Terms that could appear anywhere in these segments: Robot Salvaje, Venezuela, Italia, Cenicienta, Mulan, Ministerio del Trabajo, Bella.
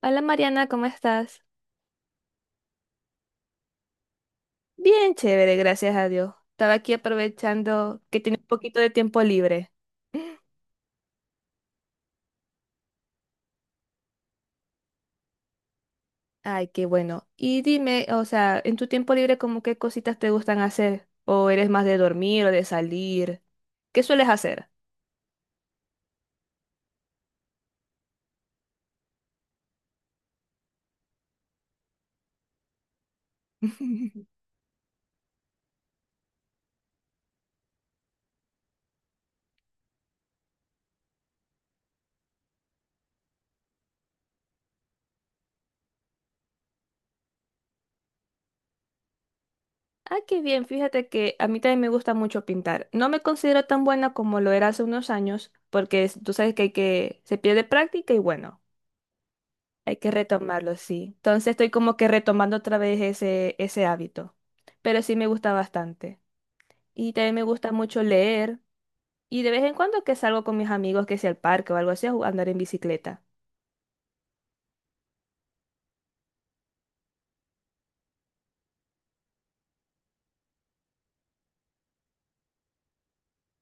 Hola Mariana, ¿cómo estás? Bien, chévere, gracias a Dios. Estaba aquí aprovechando que tiene un poquito de tiempo libre. Ay, qué bueno. Y dime, o sea, en tu tiempo libre, ¿cómo qué cositas te gustan hacer? ¿O eres más de dormir o de salir? ¿Qué sueles hacer? Ah, qué bien, fíjate que a mí también me gusta mucho pintar. No me considero tan buena como lo era hace unos años, porque tú sabes que hay que se pierde práctica y bueno. Hay que retomarlo, sí. Entonces estoy como que retomando otra vez ese hábito. Pero sí me gusta bastante. Y también me gusta mucho leer. Y de vez en cuando que salgo con mis amigos, que sea al parque o algo así, andar en bicicleta.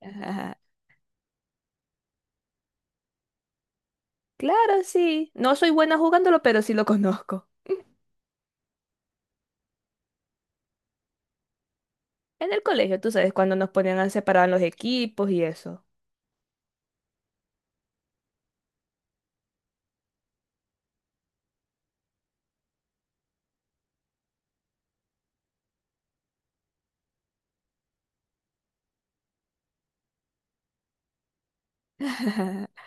Ajá. Claro, sí. No soy buena jugándolo, pero sí lo conozco. En el colegio, tú sabes, cuando nos ponían a separar en los equipos y eso.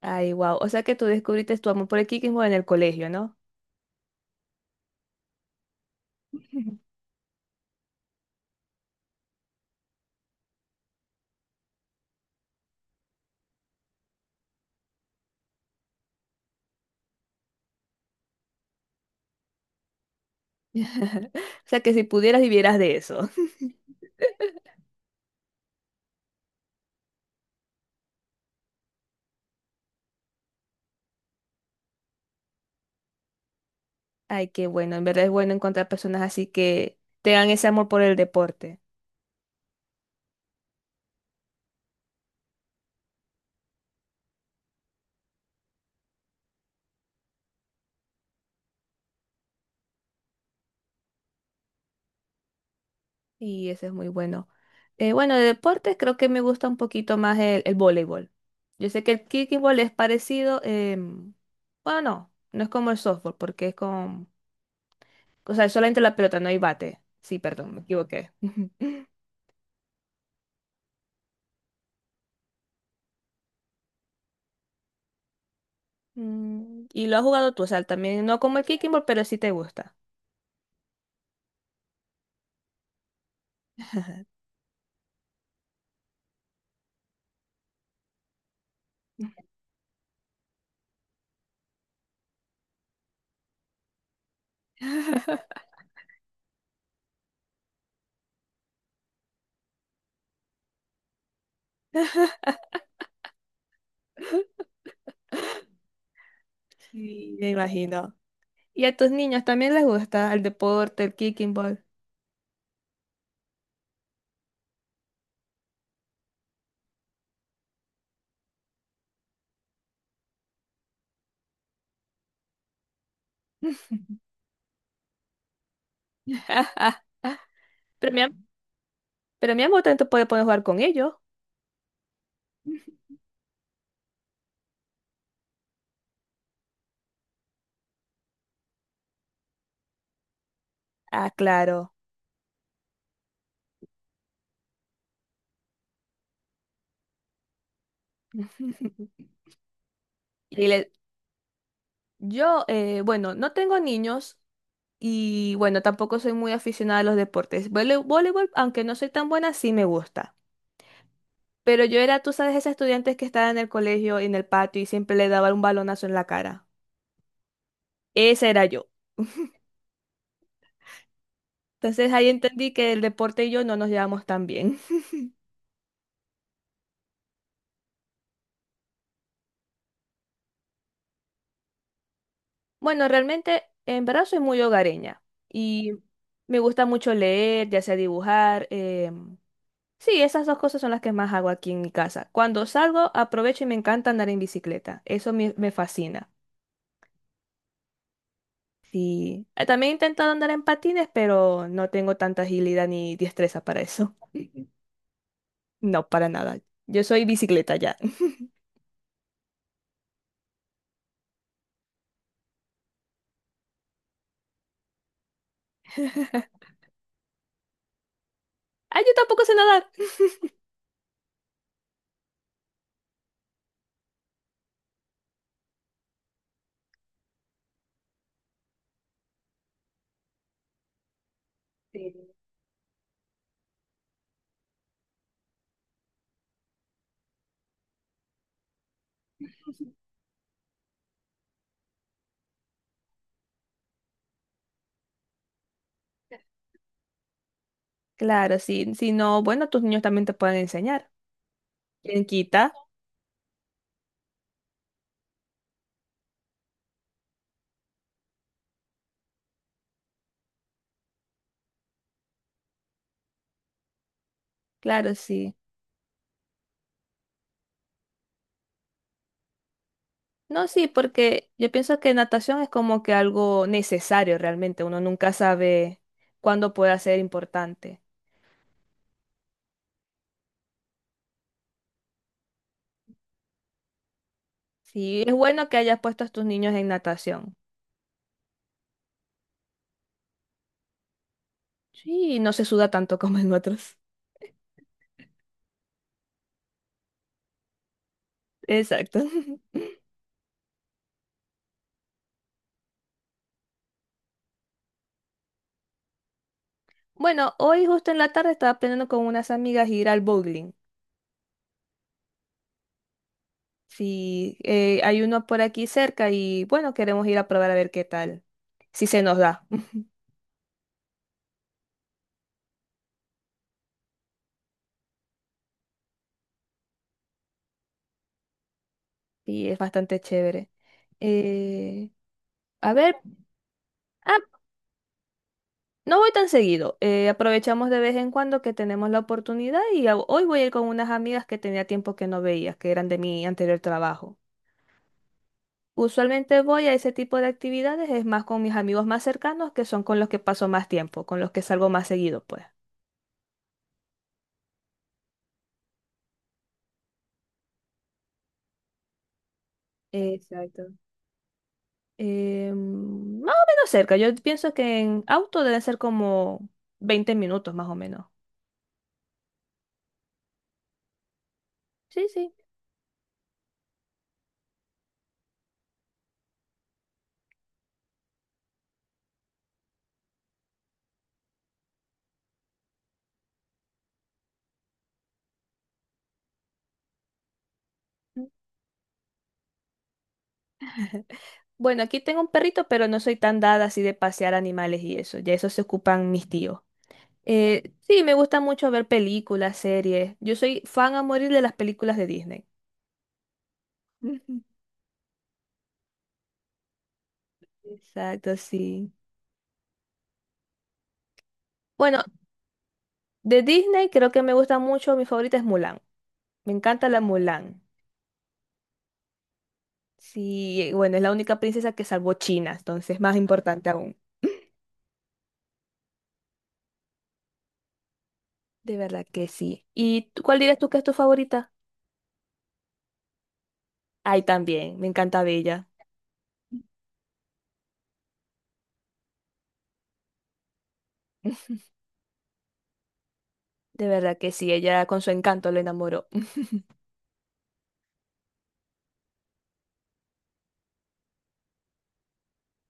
Ay, wow. O sea que tú descubriste tu amor por el kikismo en el colegio, ¿no? O sea que si pudieras vivieras de eso. Ay, qué bueno, en verdad es bueno encontrar personas así que tengan ese amor por el deporte. Y eso es muy bueno. Bueno, de deportes creo que me gusta un poquito más el voleibol. Yo sé que el kickball es parecido, bueno, no, no es como el softball, porque es con, o sea, es solamente la pelota, no hay bate. Sí, perdón, me equivoqué. Mm, y lo has jugado tú, o sea, también no como el kickball, pero sí te gusta. Sí, me imagino. ¿Y a tus niños también les gusta el deporte, el kicking ball? Pero mi, am- pero mi amor también te puede poder jugar con ellos. Ah, claro. Y le- yo, bueno, no tengo niños y bueno, tampoco soy muy aficionada a los deportes. Voleibol, aunque no soy tan buena, sí me gusta. Pero yo era, tú sabes, esa estudiante que estaba en el colegio, en el patio y siempre le daba un balonazo en la cara. Esa era yo. Entonces ahí entendí que el deporte y yo no nos llevamos tan bien. Bueno, realmente en verdad soy muy hogareña y me gusta mucho leer, ya sea dibujar. Sí, esas dos cosas son las que más hago aquí en mi casa. Cuando salgo, aprovecho y me encanta andar en bicicleta. Me fascina. Sí, también he intentado andar en patines, pero no tengo tanta agilidad ni destreza para eso. No, para nada. Yo soy bicicleta ya. Ah, yo tampoco sé nadar. Claro, sí. Si no, bueno, tus niños también te pueden enseñar. ¿Quién quita? Claro, sí. No, sí, porque yo pienso que natación es como que algo necesario realmente. Uno nunca sabe cuándo pueda ser importante. Sí, es bueno que hayas puesto a tus niños en natación. Sí, no se suda tanto como en otros. Exacto. Bueno, hoy justo en la tarde estaba planeando con unas amigas ir al bowling. Sí, hay uno por aquí cerca y bueno, queremos ir a probar a ver qué tal. Si se nos da. Y es bastante chévere. Eh, a ver. ah No voy tan seguido, aprovechamos de vez en cuando que tenemos la oportunidad y hoy voy a ir con unas amigas que tenía tiempo que no veía, que eran de mi anterior trabajo. Usualmente voy a ese tipo de actividades, es más con mis amigos más cercanos, que son con los que paso más tiempo, con los que salgo más seguido, pues. Exacto. Más o menos cerca, yo pienso que en auto deben ser como 20 minutos más o menos. Sí, sí. Mm. Bueno, aquí tengo un perrito, pero no soy tan dada así de pasear animales y eso, ya eso se ocupan mis tíos. Sí, me gusta mucho ver películas, series. Yo soy fan a morir de las películas de Disney. Ujú. Exacto, sí. Bueno, de Disney creo que me gusta mucho, mi favorita es Mulan. Me encanta la Mulan. Sí, bueno, es la única princesa que salvó China, entonces más importante aún. De verdad que sí. ¿Y cuál dirías tú que es tu favorita? Ay, también, me encanta Bella. De verdad que sí, ella con su encanto lo enamoró.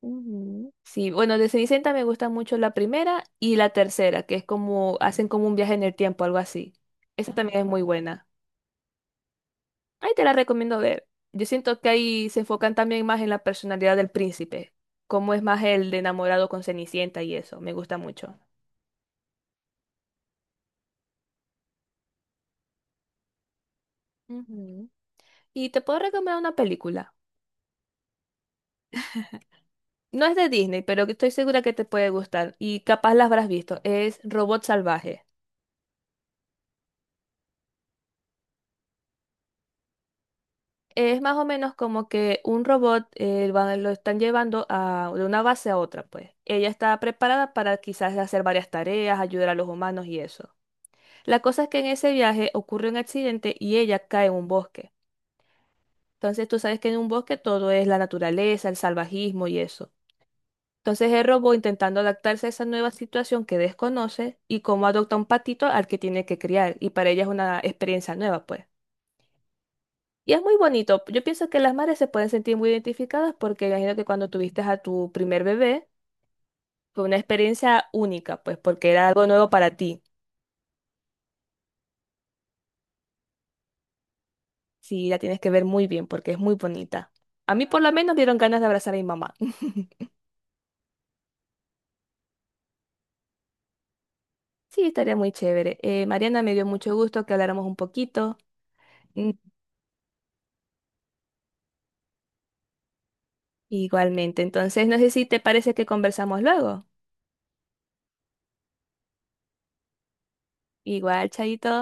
Ujú. Sí, bueno, de Cenicienta me gusta mucho la primera y la tercera, que es como hacen como un viaje en el tiempo, algo así. Esa también es muy buena. Ahí te la recomiendo ver. Yo siento que ahí se enfocan también más en la personalidad del príncipe, cómo es más el de enamorado con Cenicienta y eso, me gusta mucho. Ujú. Y te puedo recomendar una película. No es de Disney, pero que estoy segura que te puede gustar y capaz la habrás visto. Es Robot Salvaje. Es más o menos como que un robot lo están llevando a, de una base a otra, pues. Ella está preparada para quizás hacer varias tareas, ayudar a los humanos y eso. La cosa es que en ese viaje ocurre un accidente y ella cae en un bosque. Entonces tú sabes que en un bosque todo es la naturaleza, el salvajismo y eso. Entonces el robot intentando adaptarse a esa nueva situación que desconoce y cómo adopta un patito al que tiene que criar. Y para ella es una experiencia nueva, pues. Y es muy bonito. Yo pienso que las madres se pueden sentir muy identificadas porque imagino que cuando tuviste a tu primer bebé fue una experiencia única, pues porque era algo nuevo para ti. Sí, la tienes que ver muy bien porque es muy bonita. A mí por lo menos dieron ganas de abrazar a mi mamá. Sí, estaría muy chévere. Mariana, me dio mucho gusto que habláramos un poquito. Mm, igualmente. Entonces, no sé si te parece que conversamos luego. Igual, Chaito.